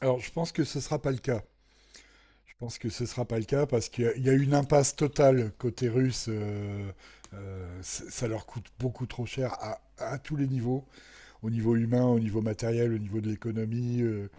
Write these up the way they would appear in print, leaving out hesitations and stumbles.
Alors, je pense que ce sera pas le cas. Je pense que ce sera pas le cas parce qu'il y a une impasse totale côté russe. Ça leur coûte beaucoup trop cher à tous les niveaux, au niveau humain, au niveau matériel, au niveau de l'économie, euh,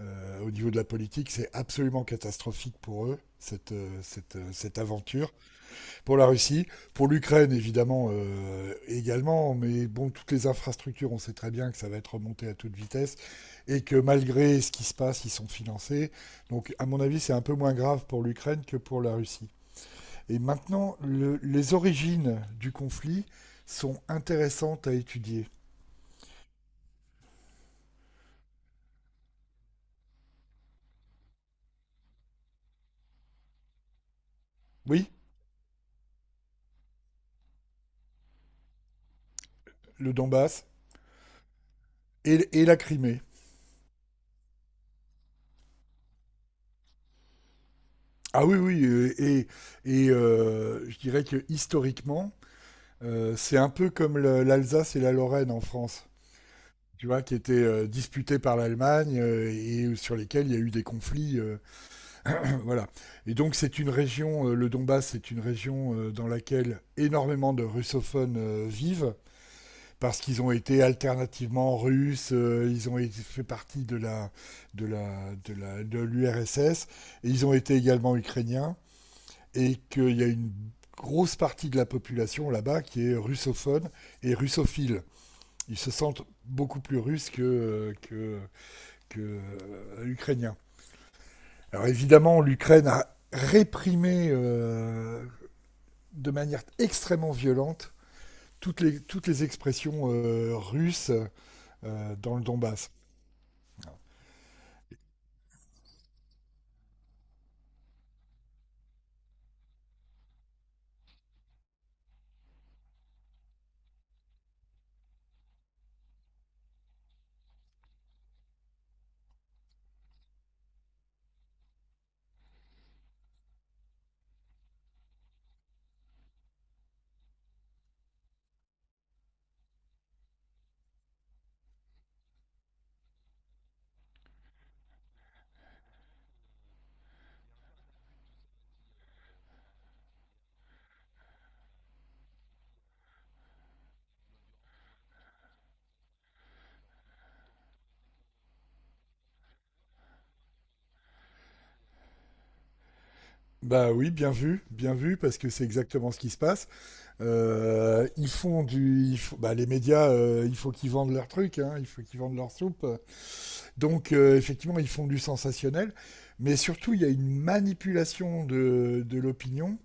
euh, au niveau de la politique. C'est absolument catastrophique pour eux, cette cette aventure pour la Russie, pour l'Ukraine évidemment également, mais bon, toutes les infrastructures, on sait très bien que ça va être remonté à toute vitesse et que malgré ce qui se passe, ils sont financés. Donc à mon avis, c'est un peu moins grave pour l'Ukraine que pour la Russie. Et maintenant, les origines du conflit sont intéressantes à étudier. Oui, le Donbass et la Crimée. Ah oui, oui, et je dirais que historiquement, c'est un peu comme l'Alsace et la Lorraine en France. Tu vois, qui étaient disputés par l'Allemagne et sur lesquels il y a eu des conflits. Voilà. Et donc, c'est une région, le Donbass, c'est une région dans laquelle énormément de russophones vivent, parce qu'ils ont été alternativement russes, fait partie de la de l'URSS, et ils ont été également ukrainiens, et qu'il y a une grosse partie de la population là-bas qui est russophone et russophile. Ils se sentent beaucoup plus russes que ukrainien. Alors évidemment, l'Ukraine a réprimé de manière extrêmement violente toutes les expressions russes dans le Donbass. Bah oui, bien vu, parce que c'est exactement ce qui se passe. Ils font du, ils font- Bah, les médias, il faut qu'ils vendent leur truc, hein, il faut qu'ils vendent leur soupe. Donc effectivement, ils font du sensationnel, mais surtout il y a une manipulation de l'opinion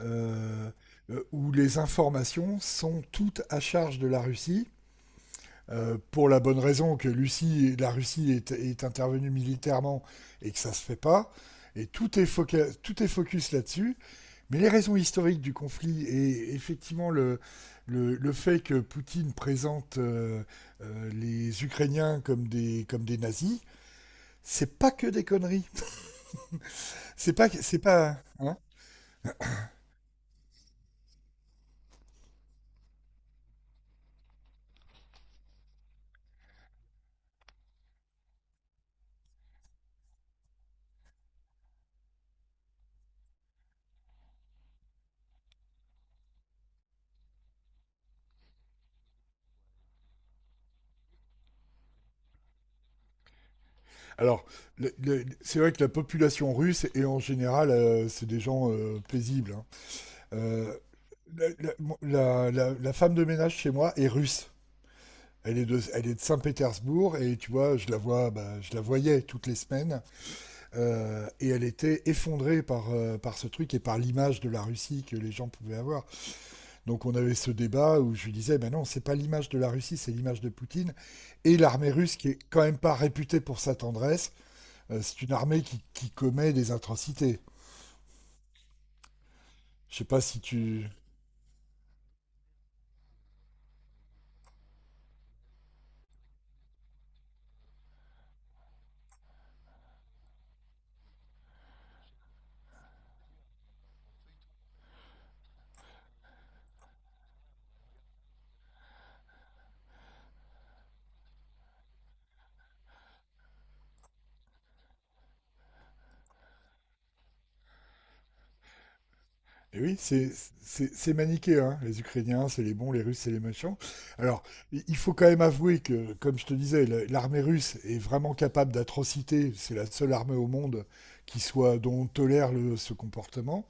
euh, où les informations sont toutes à charge de la Russie. Pour la bonne raison que la Russie est intervenue militairement et que ça ne se fait pas. Et tout est focus là-dessus. Mais les raisons historiques du conflit et effectivement le fait que Poutine présente les Ukrainiens comme des nazis, c'est pas que des conneries. C'est pas. C'est pas hein. Alors, c'est vrai que la population russe, et en général, c'est des gens paisibles. Hein. Euh, la femme de ménage chez moi est russe. Elle est de Saint-Pétersbourg et tu vois, je la voyais toutes les semaines et elle était effondrée par ce truc et par l'image de la Russie que les gens pouvaient avoir. Donc on avait ce débat où je lui disais, ben non, c'est pas l'image de la Russie, c'est l'image de Poutine et l'armée russe qui est quand même pas réputée pour sa tendresse c'est une armée qui commet des atrocités. Je sais pas si tu. Et oui, c'est maniqué, hein. Les Ukrainiens, c'est les bons, les Russes, c'est les méchants. Alors, il faut quand même avouer que, comme je te disais, l'armée russe est vraiment capable d'atrocités. C'est la seule armée au monde qui soit dont on tolère ce comportement,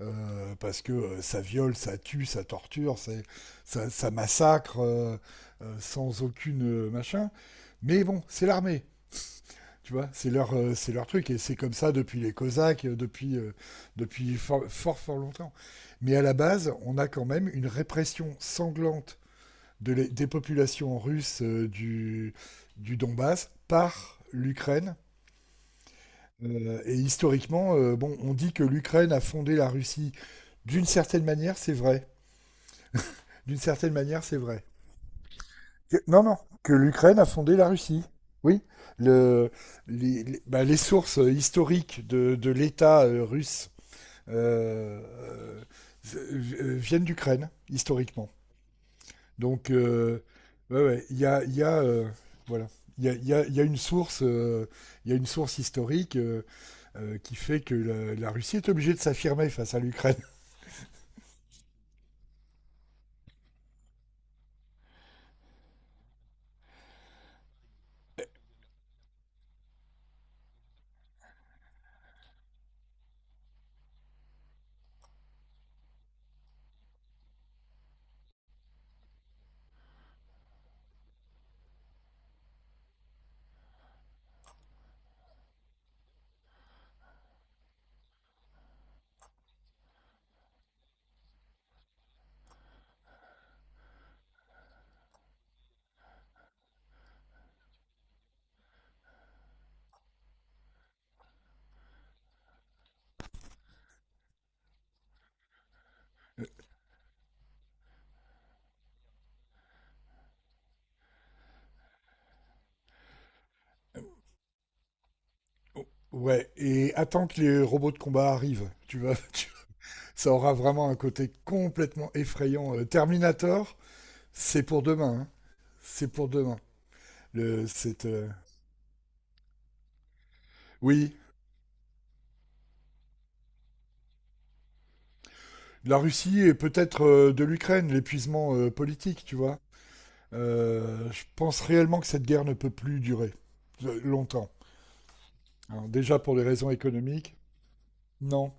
parce que ça viole, ça tue, ça torture, ça, ça massacre sans aucune machin. Mais bon, c'est l'armée. Tu vois, c'est leur truc. Et c'est comme ça depuis les Cosaques, depuis fort, fort, fort longtemps. Mais à la base, on a quand même une répression sanglante des populations russes du Donbass par l'Ukraine. Et historiquement, bon, on dit que l'Ukraine a fondé la Russie. D'une certaine manière, c'est vrai. D'une certaine manière, c'est vrai. Non, non, que l'Ukraine a fondé la Russie. Oui, le, bah, les sources historiques de l'État russe euh, viennent d'Ukraine, historiquement. Donc, ouais, ouais, il y a voilà. Il y, a, il, y a, il y a, une source, Il y a une source historique qui fait que Russie est obligée de s'affirmer face à l'Ukraine. Ouais, et attends que les robots de combat arrivent. Tu vas, tu... Ça aura vraiment un côté complètement effrayant. Terminator, c'est pour demain. Hein. C'est pour demain. Le, cette, euh, oui, la Russie et peut-être de l'Ukraine, l'épuisement politique, tu vois. Je pense réellement que cette guerre ne peut plus durer longtemps. Hein. Déjà pour des raisons économiques, non.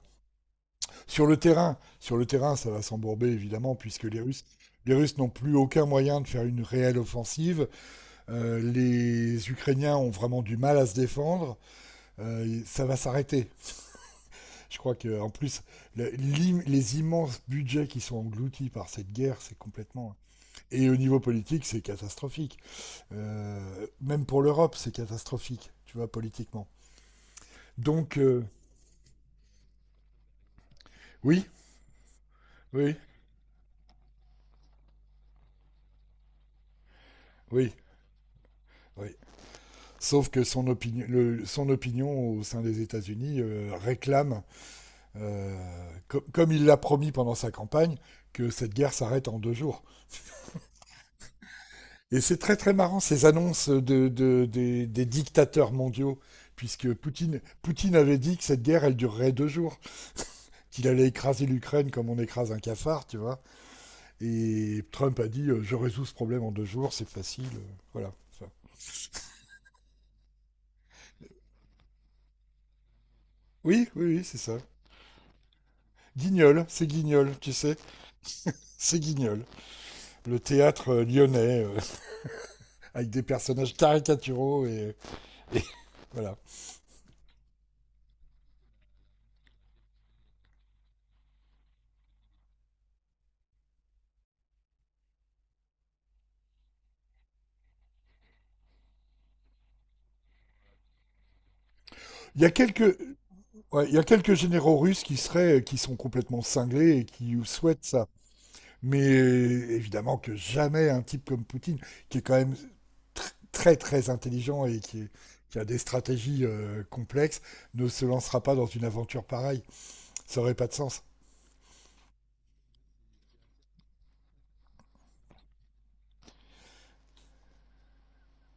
Sur le terrain, ça va s'embourber évidemment puisque les Russes n'ont plus aucun moyen de faire une réelle offensive. Les Ukrainiens ont vraiment du mal à se défendre. Et ça va s'arrêter. Je crois que en plus, les immenses budgets qui sont engloutis par cette guerre, c'est complètement. Et au niveau politique, c'est catastrophique. Même pour l'Europe, c'est catastrophique, tu vois, politiquement. Donc, oui, oui, oui, oui. Sauf que son opinion au sein des États-Unis réclame, comme il l'a promis pendant sa campagne, que cette guerre s'arrête en 2 jours. Et c'est très très marrant ces annonces des dictateurs mondiaux, puisque Poutine avait dit que cette guerre, elle durerait 2 jours, qu'il allait écraser l'Ukraine comme on écrase un cafard, tu vois. Et Trump a dit je résous ce problème en 2 jours, c'est facile. Voilà. Enfin, oui, oui, oui, c'est ça. Guignol, c'est Guignol, tu sais, c'est Guignol. Le théâtre lyonnais, avec des personnages caricaturaux et voilà. Il y a quelques, Ouais, il y a quelques généraux russes qui sont complètement cinglés et qui souhaitent ça. Mais évidemment que jamais un type comme Poutine, qui est quand même très très intelligent qui a des stratégies complexes, ne se lancera pas dans une aventure pareille. Ça aurait pas de sens.